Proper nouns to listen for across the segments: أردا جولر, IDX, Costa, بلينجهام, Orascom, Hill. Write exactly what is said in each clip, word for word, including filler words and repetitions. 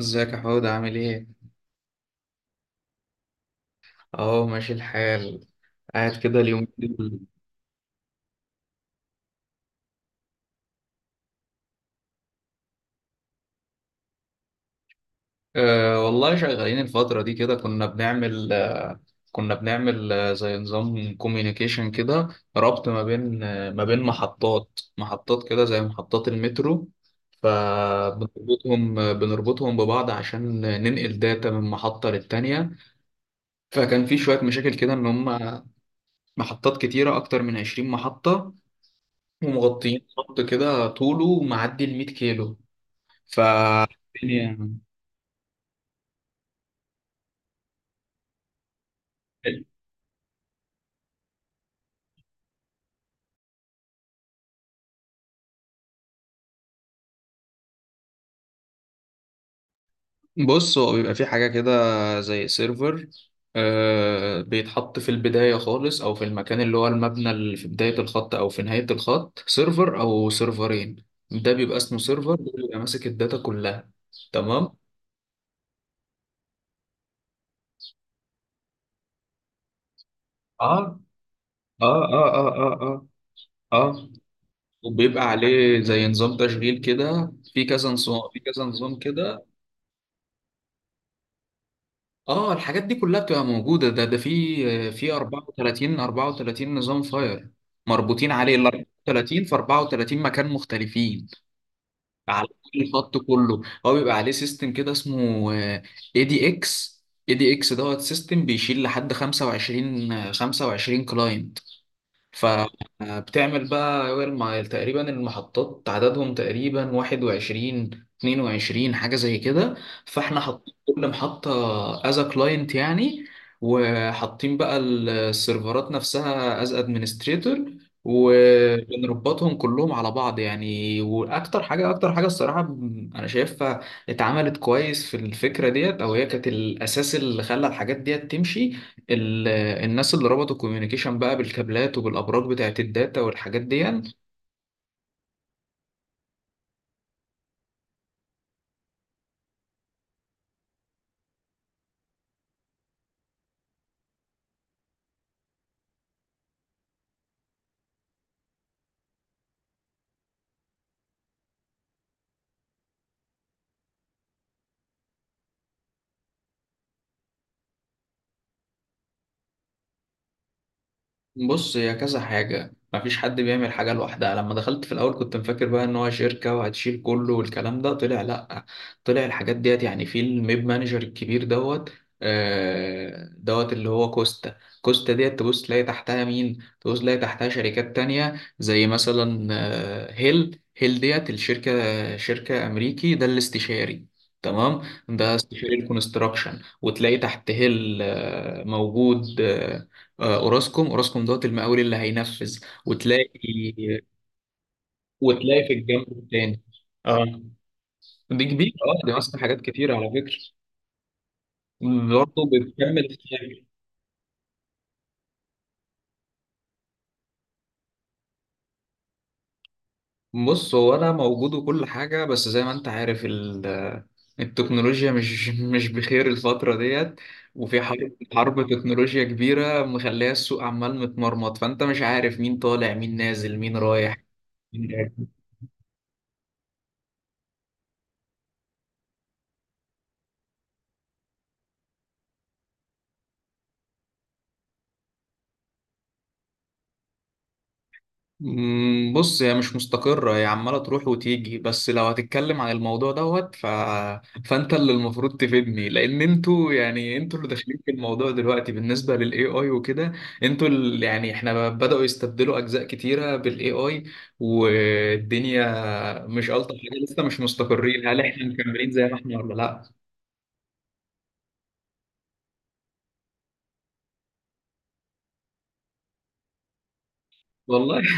ازيك يا حود عامل ايه؟ اهو ماشي الحال. قاعد كده اليومين دول. أه والله شغالين الفترة دي كده، كنا بنعمل أه كنا بنعمل أه زي نظام كوميونيكيشن كده. ربط ما بين أه ما بين محطات محطات كده زي محطات المترو. فبنربطهم آه، بنربطهم ببعض عشان ننقل داتا من محطة للتانية. فكان في شوية مشاكل كده، ان هم محطات كتيرة اكتر من عشرين محطة، ومغطيين خط كده طوله معدي ال مية كيلو. ف يعني. بص، هو بيبقى فيه حاجة كده زي سيرفر، آه بيتحط في البداية خالص أو في المكان اللي هو المبنى اللي في بداية الخط أو في نهاية الخط، سيرفر أو سيرفرين. ده بيبقى اسمه سيرفر، ده بيبقى ماسك الداتا كلها. تمام؟ اه، اه، اه، اه، اه، اه، اه. وبيبقى عليه زي نظام تشغيل كده، في كذا نظام في كذا نظام كده. اه، الحاجات دي كلها بتبقى موجودة، ده ده في في مم. أربعة وتلاتين أربعة وتلاتين نظام فاير مربوطين عليه، ال أربعة وتلاتين في أربعة وتلاتين مكان مختلفين على كل خط. كله هو بيبقى عليه سيستم كده اسمه اي دي اكس اي دي اكس دوت سيستم بيشيل لحد خمسة وعشرين خمسة وعشرين كلاين. فبتعمل بقى، ما تقريبا المحطات عددهم تقريبا واحد وعشرين، اتنين وعشرين حاجة زي كده. فاحنا حاطين كل محطة از ا كلاينت يعني. وحاطين بقى ال- السيرفرات نفسها از ادمنستريتور. وبنربطهم كلهم على بعض يعني. واكتر حاجه اكتر حاجه الصراحه، ب- انا شايفها اتعملت كويس في الفكره ديت، او هي كانت الاساس اللي خلى الحاجات ديت تمشي. ال- الناس اللي ربطوا الكوميونيكيشن بقى بالكابلات وبالابراج بتاعت الداتا والحاجات دي يعني. بص، هي كذا حاجة، مفيش حد بيعمل حاجة لوحدها. لما دخلت في الأول كنت مفكر بقى إن هو شركة وهتشيل كله، والكلام ده طلع لأ. طلع الحاجات ديت يعني في الميب مانجر الكبير دوت. آه، دوت اللي هو كوستا. كوستا ديت تبص تلاقي تحتها مين، تبص تلاقي تحتها شركات تانية زي مثلا آه، هيل. هيل ديت الشركة، شركة أمريكي، ده الاستشاري. تمام. ده استشاري الكونستراكشن، وتلاقي تحت هيل آه، موجود آه، آه، اوراسكوم اوراسكوم دوت المقاول اللي هينفذ. وتلاقي وتلاقي في الجنب التاني. اه، دي كبيرة، اه دي ماسكة حاجات كتير على فكرة. برضه بتكمل الشغل. بص، هو انا موجود وكل حاجة. بس زي ما انت عارف ال- التكنولوجيا مش مش بخير الفترة ديت. وفي حرب حرب تكنولوجيا كبيرة مخليها السوق عمال متمرمط، فانت مش عارف مين طالع، مين نازل، مين رايح. مم، بص، هي مش مستقرة، هي عمالة تروح وتيجي. بس لو هتتكلم عن الموضوع دوت ف... فأنت اللي المفروض تفيدني، لأن أنتوا يعني، أنتوا اللي داخلين في الموضوع دلوقتي بالنسبة لل إيه آي وكده. أنتوا اللي يعني إحنا بدأوا يستبدلوا أجزاء كتيرة بال إيه آي، والدنيا مش ألطف حاجة، لسه مش مستقرين. هل إحنا مكملين زي ما إحنا ولا لأ؟ والله.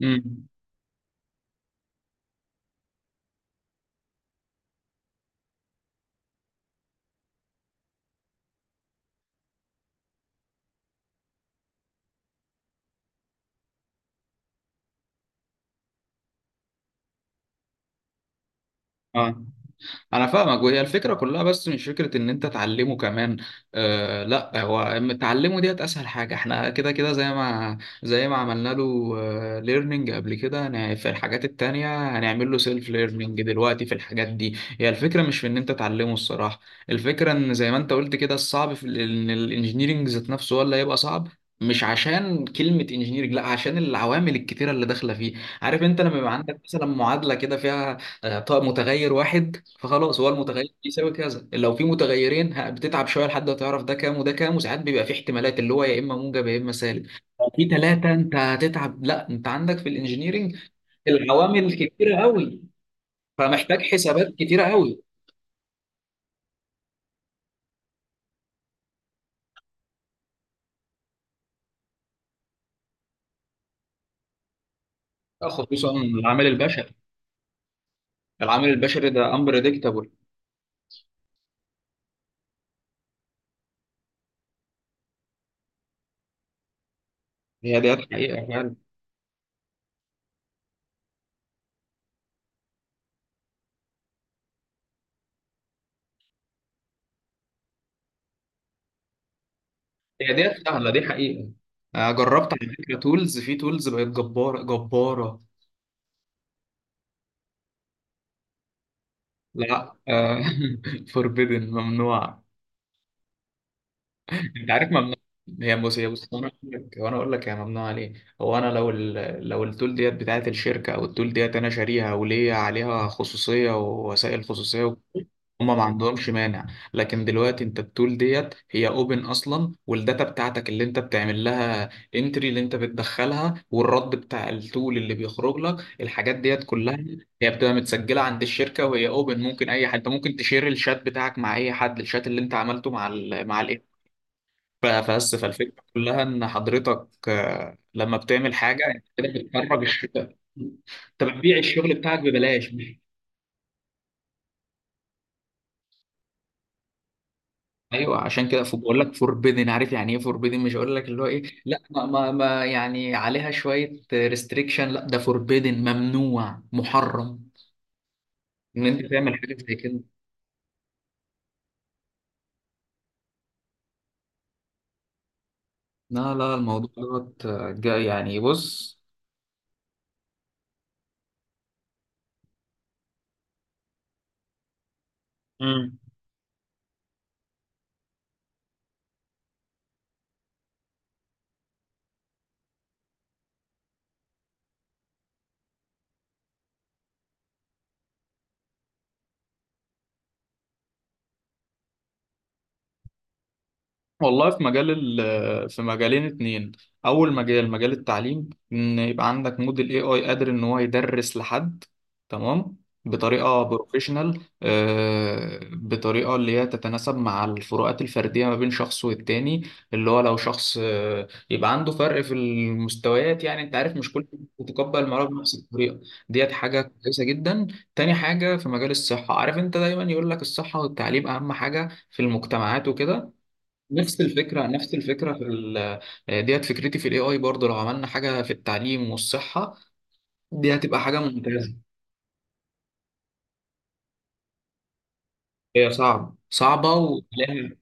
مم. آه، انا فاهمك، وهي الفكره كلها، بس مش فكره ان انت تعلمه كمان. آه، لا، هو أم- تعلمه ديت اسهل حاجه، احنا كده كده زي ما زي ما عملنا له ليرنينج قبل كده. هن- في الحاجات التانية هنعمل له سيلف ليرنينج دلوقتي. في الحاجات دي، هي الفكره مش في ان انت تعلمه الصراحه. الفكره ان زي ما انت قلت كده، الصعب في ال- ان الانجينيرنج ذات نفسه هو اللي هيبقى صعب. مش عشان كلمة انجينيرنج، لا، عشان العوامل الكتيرة اللي داخلة فيه. عارف انت لما يبقى عندك مثلا معادلة كده فيها آه، طيب متغير واحد، فخلاص هو المتغير بيساوي كذا. لو في متغيرين ه- بتتعب شويه لحد ما تعرف ده كام وده كام، وساعات بيبقى في احتمالات اللي هو يا اما موجب يا اما سالب. لو في ثلاثه انت هتتعب. لا، انت عندك في الانجينيرينج العوامل كتيره قوي، فمحتاج حسابات كتيره قوي. خصوصا العامل البشري. العامل البشري ده امبريدكتابل. هي ديت حقيقه فعلا. هي ديت سهله، دي حقيقه. آه، جربت على فكره تولز، في تولز بقت جباره جباره. لا، فوربيدن ممنوع. انت عارف ممنوع. هي بص، هي بص وانا اقول لك وانا اقول لك هي ممنوع عليه. هو انا لو ال... لو التول ديت بتاعت الشركه، او التول ديت انا شاريها وليا عليها خصوصيه ووسائل خصوصيه وكده، هما ما عندهمش مانع. لكن دلوقتي، انت التول ديت هي اوبن اصلا، والداتا بتاعتك اللي انت بتعمل لها، انتري اللي انت بتدخلها، والرد بتاع التول اللي بيخرج لك الحاجات ديت كلها، هي بتبقى متسجله عند الشركه وهي اوبن. ممكن اي حد، انت ممكن تشير الشات بتاعك مع اي حد، الشات اللي انت عملته مع ال مع ال ف- فبس، فالفكرة كلها إن حضرتك آه، لما بتعمل حاجة أنت كده بتخرج الشغل. أنت بتبيع الشغل بتاعك ببلاش. أيوه، عشان كده ف- بقول لك فوربيدن. عارف يعني إيه فوربيدن؟ مش هقول لك اللي هو إيه، لا، ما, ما, ما يعني عليها شوية ريستريكشن، لا، ده فوربيدن، ممنوع، محرم، إن أنت تعمل حاجة زي كده. لا، لا، الموضوع دوت آه، جا- يعني بص. مم. والله، في مجال ال- في مجالين اتنين. اول مجال مجال التعليم، ان يبقى عندك موديل اي اي قادر ان هو يدرس لحد. تمام. بطريقه بروفيشنال، آه، بطريقه اللي هي تتناسب مع الفروقات الفرديه ما بين شخص والتاني. اللي هو لو شخص آه، يبقى عنده فرق في المستويات، يعني انت عارف، مش كل بتتقبل المرض بنفس الطريقه. ديت حاجه كويسه جدا. تاني حاجه في مجال الصحه. عارف انت دايما يقول لك الصحه والتعليم اهم حاجه في المجتمعات وكده. نفس الفكرة نفس الفكرة في ال. آه، ديت فكرتي في الاي اي برضه. لو عملنا حاجة في التعليم والصحة، دي هتبقى حاجة ممتازة. هي صعبة صعبة وتلاقي.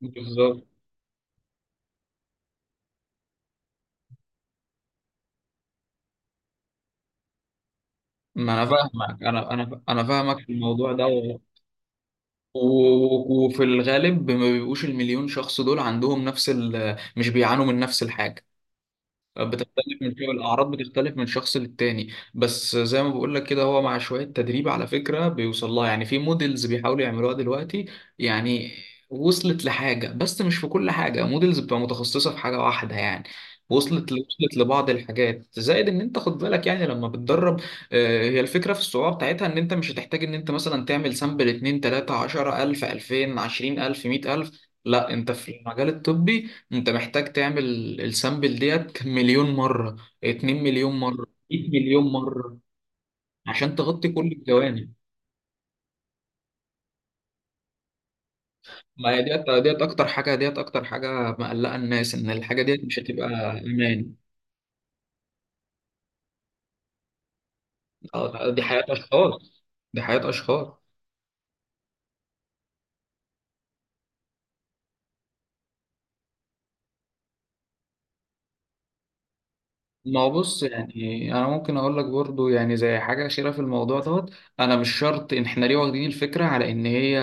بالظبط. ما انا فاهمك، انا انا انا فاهمك في الموضوع ده و- و- وفي الغالب ما بيبقوش المليون شخص دول عندهم نفس ال، مش بيعانوا من نفس الحاجة. بتختلف من شغل، الأعراض بتختلف من شخص للتاني. بس زي ما بقول لك كده، هو مع شوية تدريب على فكرة بيوصل لها، يعني في موديلز بيحاولوا يعملوها دلوقتي. يعني وصلت لحاجة، بس مش في كل حاجة، موديلز بتبقى متخصصة في حاجة واحدة يعني. وصلت وصلت لبعض الحاجات. زائد ان انت خد بالك يعني لما بتدرب، آه، هي الفكرة في الصعوبة بتاعتها ان انت مش هتحتاج ان انت مثلا تعمل سامبل اتنين، تلاتة، عشرة، ألف، ألفين، عشرين ألف، مية ألف. لا، انت في المجال الطبي انت محتاج تعمل السامبل ديت مليون مرة، اتنين مليون مرة، مية مليون مرة، عشان تغطي كل الجوانب. ما هي ديت ديت اكتر حاجة ديت اكتر حاجة مقلقة الناس، ان الحاجة ديت مش هتبقى امان. اه، دي حياة اشخاص. دي حياة اشخاص. ما هو بص، يعني انا ممكن اقول لك برضو يعني زي حاجه اخيره في الموضوع دوت. انا مش شرط ان احنا ليه واخدين الفكره على ان هي،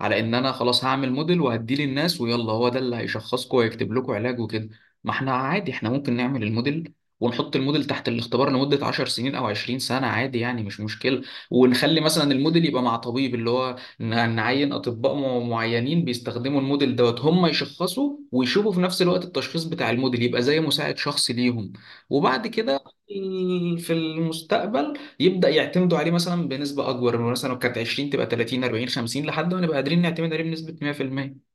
على ان انا خلاص هعمل موديل وهديه للناس، ويلا هو ده اللي هيشخصكم ويكتب لكم علاج وكده. ما احنا عادي، احنا ممكن نعمل الموديل، ونحط الموديل تحت الاختبار لمده عشر سنين او عشرين سنه، عادي يعني مش مشكله. ونخلي مثلا الموديل يبقى مع طبيب، اللي هو ن- نعين اطباء م- معينين بيستخدموا الموديل دوت، هم يشخصوا ويشوفوا، في نفس الوقت التشخيص بتاع الموديل يبقى زي مساعد شخصي ليهم. وبعد كده في المستقبل يبدأ يعتمدوا عليه مثلا بنسبة أكبر، من مثلا لو كانت عشرين تبقى تلاتين، أربعين، خمسين، لحد ما نبقى قادرين نعتمد عليه بنسبة مية في المية.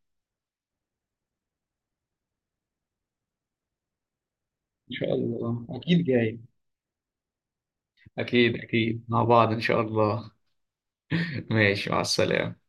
إن شاء الله أكيد جاي. أكيد أكيد مع بعض إن شاء الله. ماشي، مع السلامة.